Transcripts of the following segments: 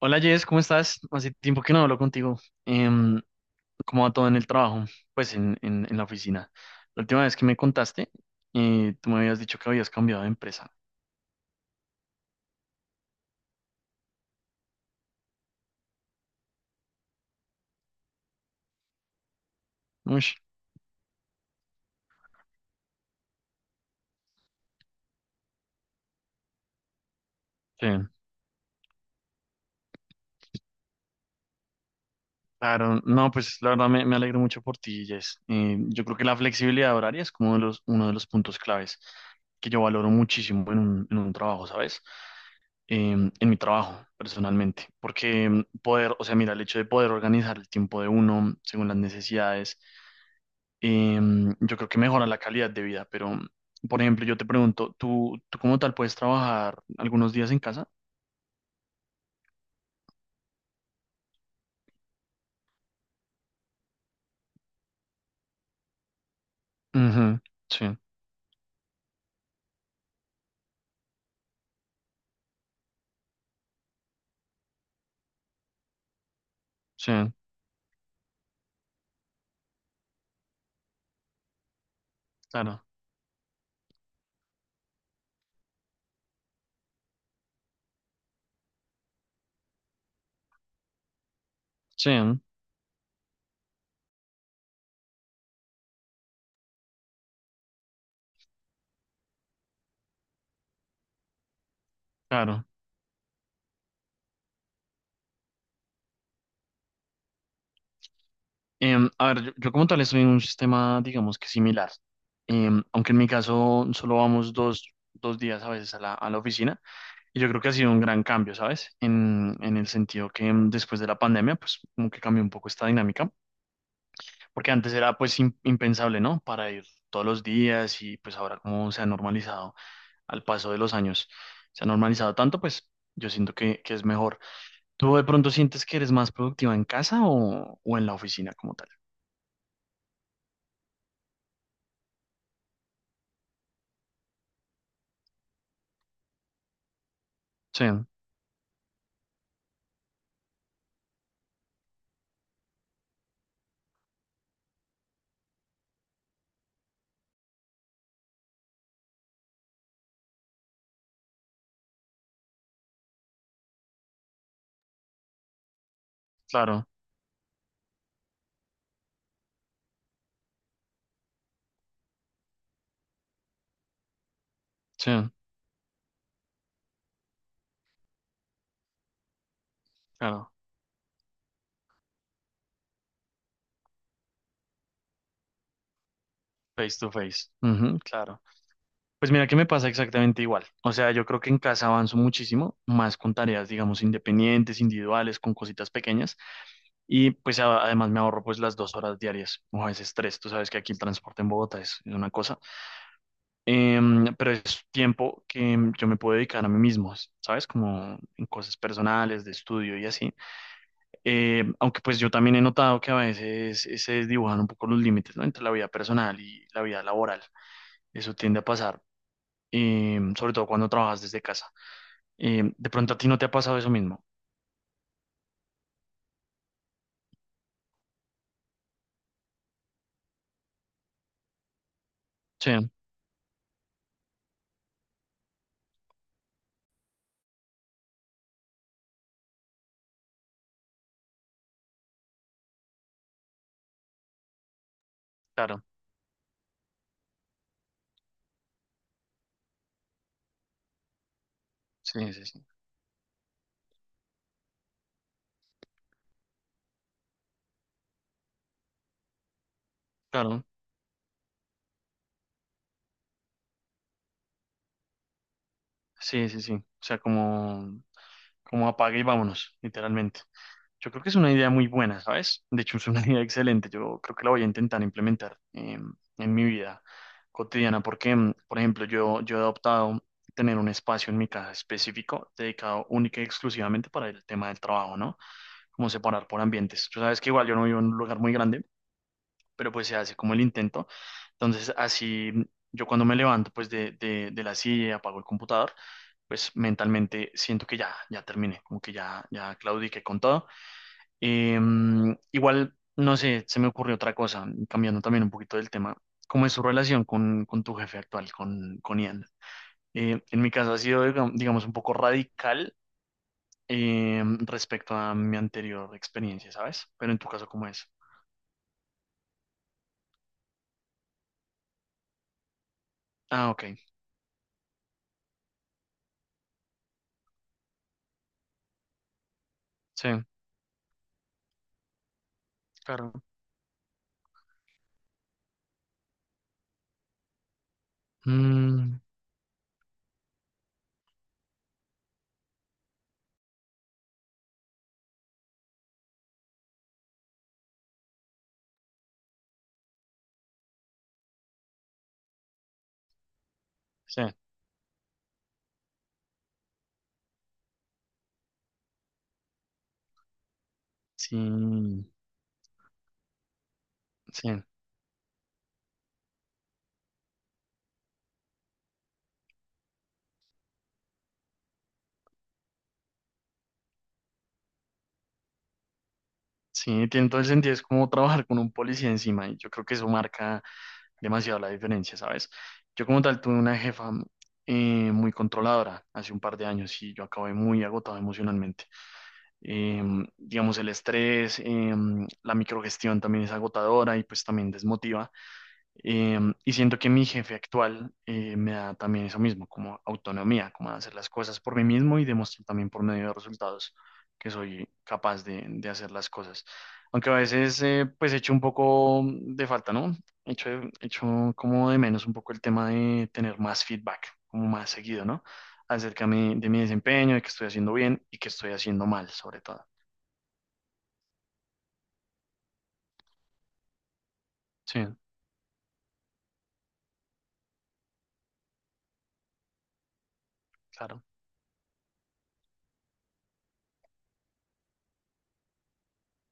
Hola Jess, ¿cómo estás? Hace tiempo que no hablo contigo. Em, ¿cómo va todo en el trabajo? Pues en la oficina. La última vez que me contaste, tú me habías dicho que habías cambiado de empresa. Ush, sí. Claro, no, pues la verdad me alegro mucho por ti, Jess. Yo creo que la flexibilidad horaria es como uno de los puntos claves que yo valoro muchísimo en un trabajo, ¿sabes? En mi trabajo personalmente, porque poder, o sea, mira, el hecho de poder organizar el tiempo de uno según las necesidades, yo creo que mejora la calidad de vida, pero, por ejemplo, yo te pregunto, ¿tú como tal puedes trabajar algunos días en casa? Ujú, sí, sí, claro, sí, claro. A ver, yo como tal estoy en un sistema, digamos que similar. Aunque en mi caso solo vamos dos días a veces a la oficina, y yo creo que ha sido un gran cambio, ¿sabes? En el sentido que después de la pandemia, pues como que cambió un poco esta dinámica. Porque antes era pues impensable, ¿no? Para ir todos los días, y pues ahora, como se ha normalizado al paso de los años, se ha normalizado tanto, pues yo siento que es mejor. ¿Tú de pronto sientes que eres más productiva en casa o en la oficina como tal? Sí, claro, sí, claro, face to face, ujú, claro. Pues mira que me pasa exactamente igual. O sea, yo creo que en casa avanzo muchísimo más con tareas, digamos, independientes, individuales, con cositas pequeñas. Y pues además me ahorro pues las 2 horas diarias o a veces tres. Tú sabes que aquí el transporte en Bogotá es una cosa. Pero es tiempo que yo me puedo dedicar a mí mismo, ¿sabes? Como en cosas personales, de estudio y así. Aunque pues yo también he notado que a veces se desdibujan un poco los límites, ¿no? Entre la vida personal y la vida laboral. Eso tiende a pasar, sobre todo cuando trabajas desde casa. De pronto a ti no te ha pasado eso mismo. Sí, claro. Sí, sí, sí. Claro. Sí, sí, sí. O sea, como apague y vámonos, literalmente. Yo creo que es una idea muy buena, ¿sabes? De hecho, es una idea excelente. Yo creo que la voy a intentar implementar en mi vida cotidiana porque, por ejemplo, yo he adoptado tener un espacio en mi casa específico dedicado única y exclusivamente para el tema del trabajo, ¿no? Como separar por ambientes. Tú sabes que igual yo no vivo en un lugar muy grande, pero pues se hace como el intento. Entonces, así yo, cuando me levanto pues de la silla y apago el computador, pues mentalmente siento que ya, ya terminé, como que ya, ya claudiqué con todo. Eh, igual, no sé, se me ocurrió otra cosa, cambiando también un poquito del tema. ¿Cómo es su relación con tu jefe actual, con Ian? En mi caso ha sido, digamos, un poco radical respecto a mi anterior experiencia, ¿sabes? Pero en tu caso, ¿cómo es? Ah, ok, sí, claro. Sí, sí, sí, sí, tiene todo el sentido. Es como trabajar con un policía encima y yo creo que eso marca demasiado la diferencia, ¿sabes? Yo como tal tuve una jefa muy controladora hace un par de años y yo acabé muy agotado emocionalmente. Eh, digamos, el estrés, la microgestión también es agotadora y pues también desmotiva. Y siento que mi jefe actual me da también eso mismo, como autonomía, como de hacer las cosas por mí mismo y demostrar también por medio de resultados que soy capaz de hacer las cosas. Aunque a veces pues echo un poco de falta, ¿no? Echo, echo como de menos un poco el tema de tener más feedback, como más seguido, ¿no? Acerca de mi desempeño, de que estoy haciendo bien y que estoy haciendo mal, sobre todo. Sí, claro.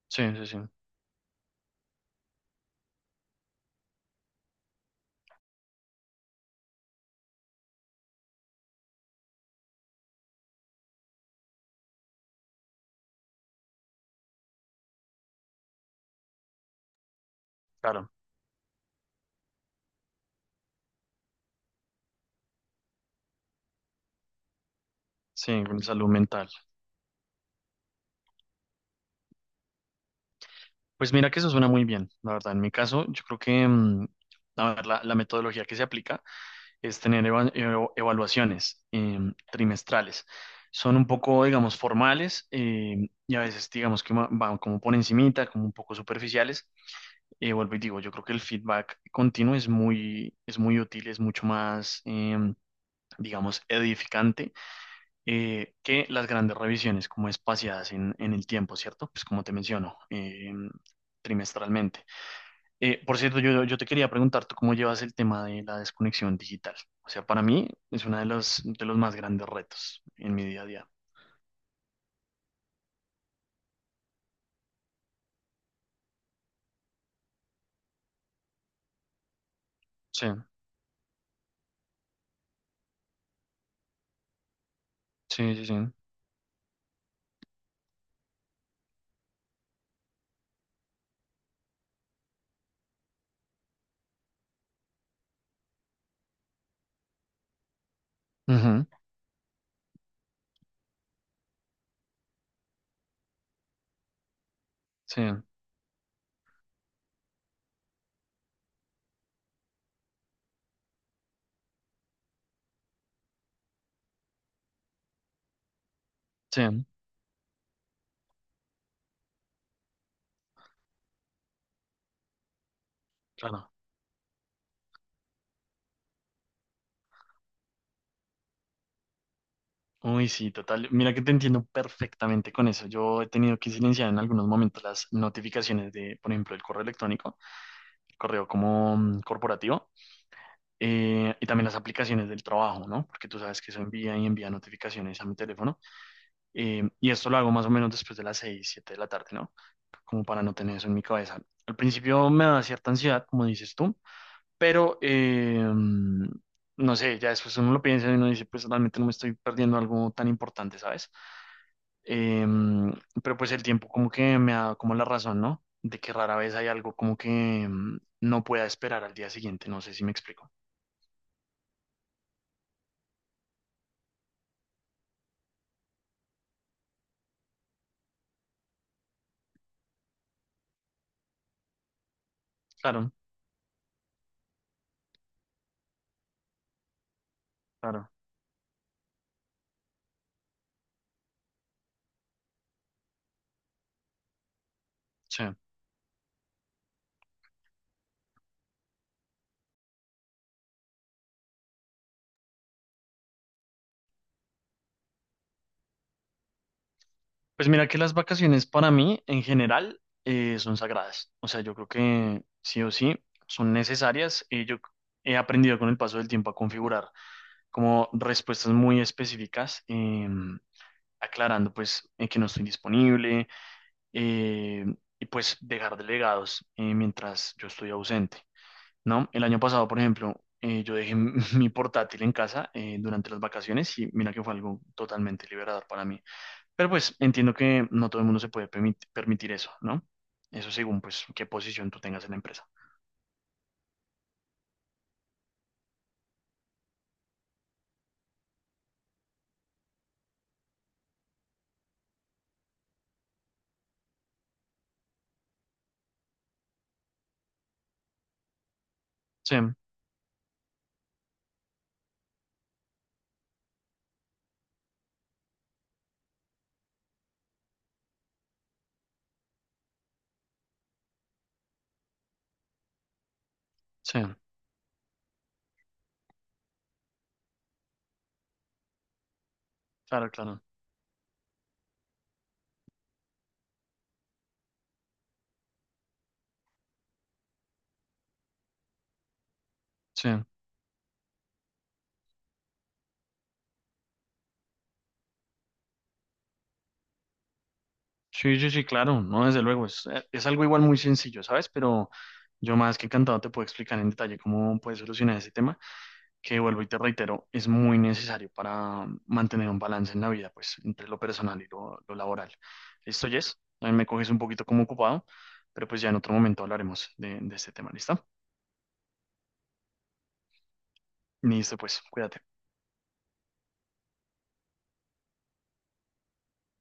Sí, sí, sí, claro. Sí, con salud mental. Pues mira que eso suena muy bien, la verdad. En mi caso, yo creo que a ver, la metodología que se aplica es tener evaluaciones trimestrales. Son un poco, digamos, formales, y a veces, digamos, que van como por encimita, como un poco superficiales. Vuelvo y digo, yo creo que el feedback continuo es muy útil, es mucho más, digamos, edificante que las grandes revisiones, como espaciadas en el tiempo, ¿cierto? Pues como te menciono. Trimestralmente. Por cierto, yo te quería preguntar, ¿tú cómo llevas el tema de la desconexión digital? O sea, para mí es uno de los más grandes retos en mi día a día. Sí, sí, sí, sí. Ujú, sí, sí, claro. Uy, sí, total. Mira que te entiendo perfectamente con eso. Yo he tenido que silenciar en algunos momentos las notificaciones de, por ejemplo, el correo electrónico, el correo como corporativo, y también las aplicaciones del trabajo, ¿no? Porque tú sabes que eso envía y envía notificaciones a mi teléfono. Y esto lo hago más o menos después de las 6 7 de la tarde, ¿no? Como para no tener eso en mi cabeza. Al principio me da cierta ansiedad, como dices tú, pero no sé, ya después uno lo piensa y uno dice, pues realmente no me estoy perdiendo algo tan importante, ¿sabes? Eh, mm, pero pues el tiempo como que me da como la razón, ¿no? De que rara vez hay algo como que no pueda esperar al día siguiente, no sé si me explico. Claro, claro, sí. Pues mira que las vacaciones para mí en general son sagradas. O sea, yo creo que sí o sí son necesarias y yo he aprendido con el paso del tiempo a configurar como respuestas muy específicas, aclarando pues en que no estoy disponible, eh, y pues dejar delegados mientras yo estoy ausente, ¿no? El año pasado, por ejemplo, yo dejé mi portátil en casa durante las vacaciones y mira que fue algo totalmente liberador para mí. Pero pues entiendo que no todo el mundo se puede permitir eso, ¿no? Eso según pues qué posición tú tengas en la empresa. Sí, sí, claro, claro. Sí, sí, sí, sí, claro, no, desde luego, es algo igual muy sencillo, ¿sabes? Pero yo más que encantado te puedo explicar en detalle cómo puedes solucionar ese tema, que vuelvo y te reitero, es muy necesario para mantener un balance en la vida, pues, entre lo personal y lo laboral. ¿Listo, Jess? También me coges un poquito como ocupado, pero pues ya en otro momento hablaremos de este tema, ¿listo? Listo, pues, cuídate.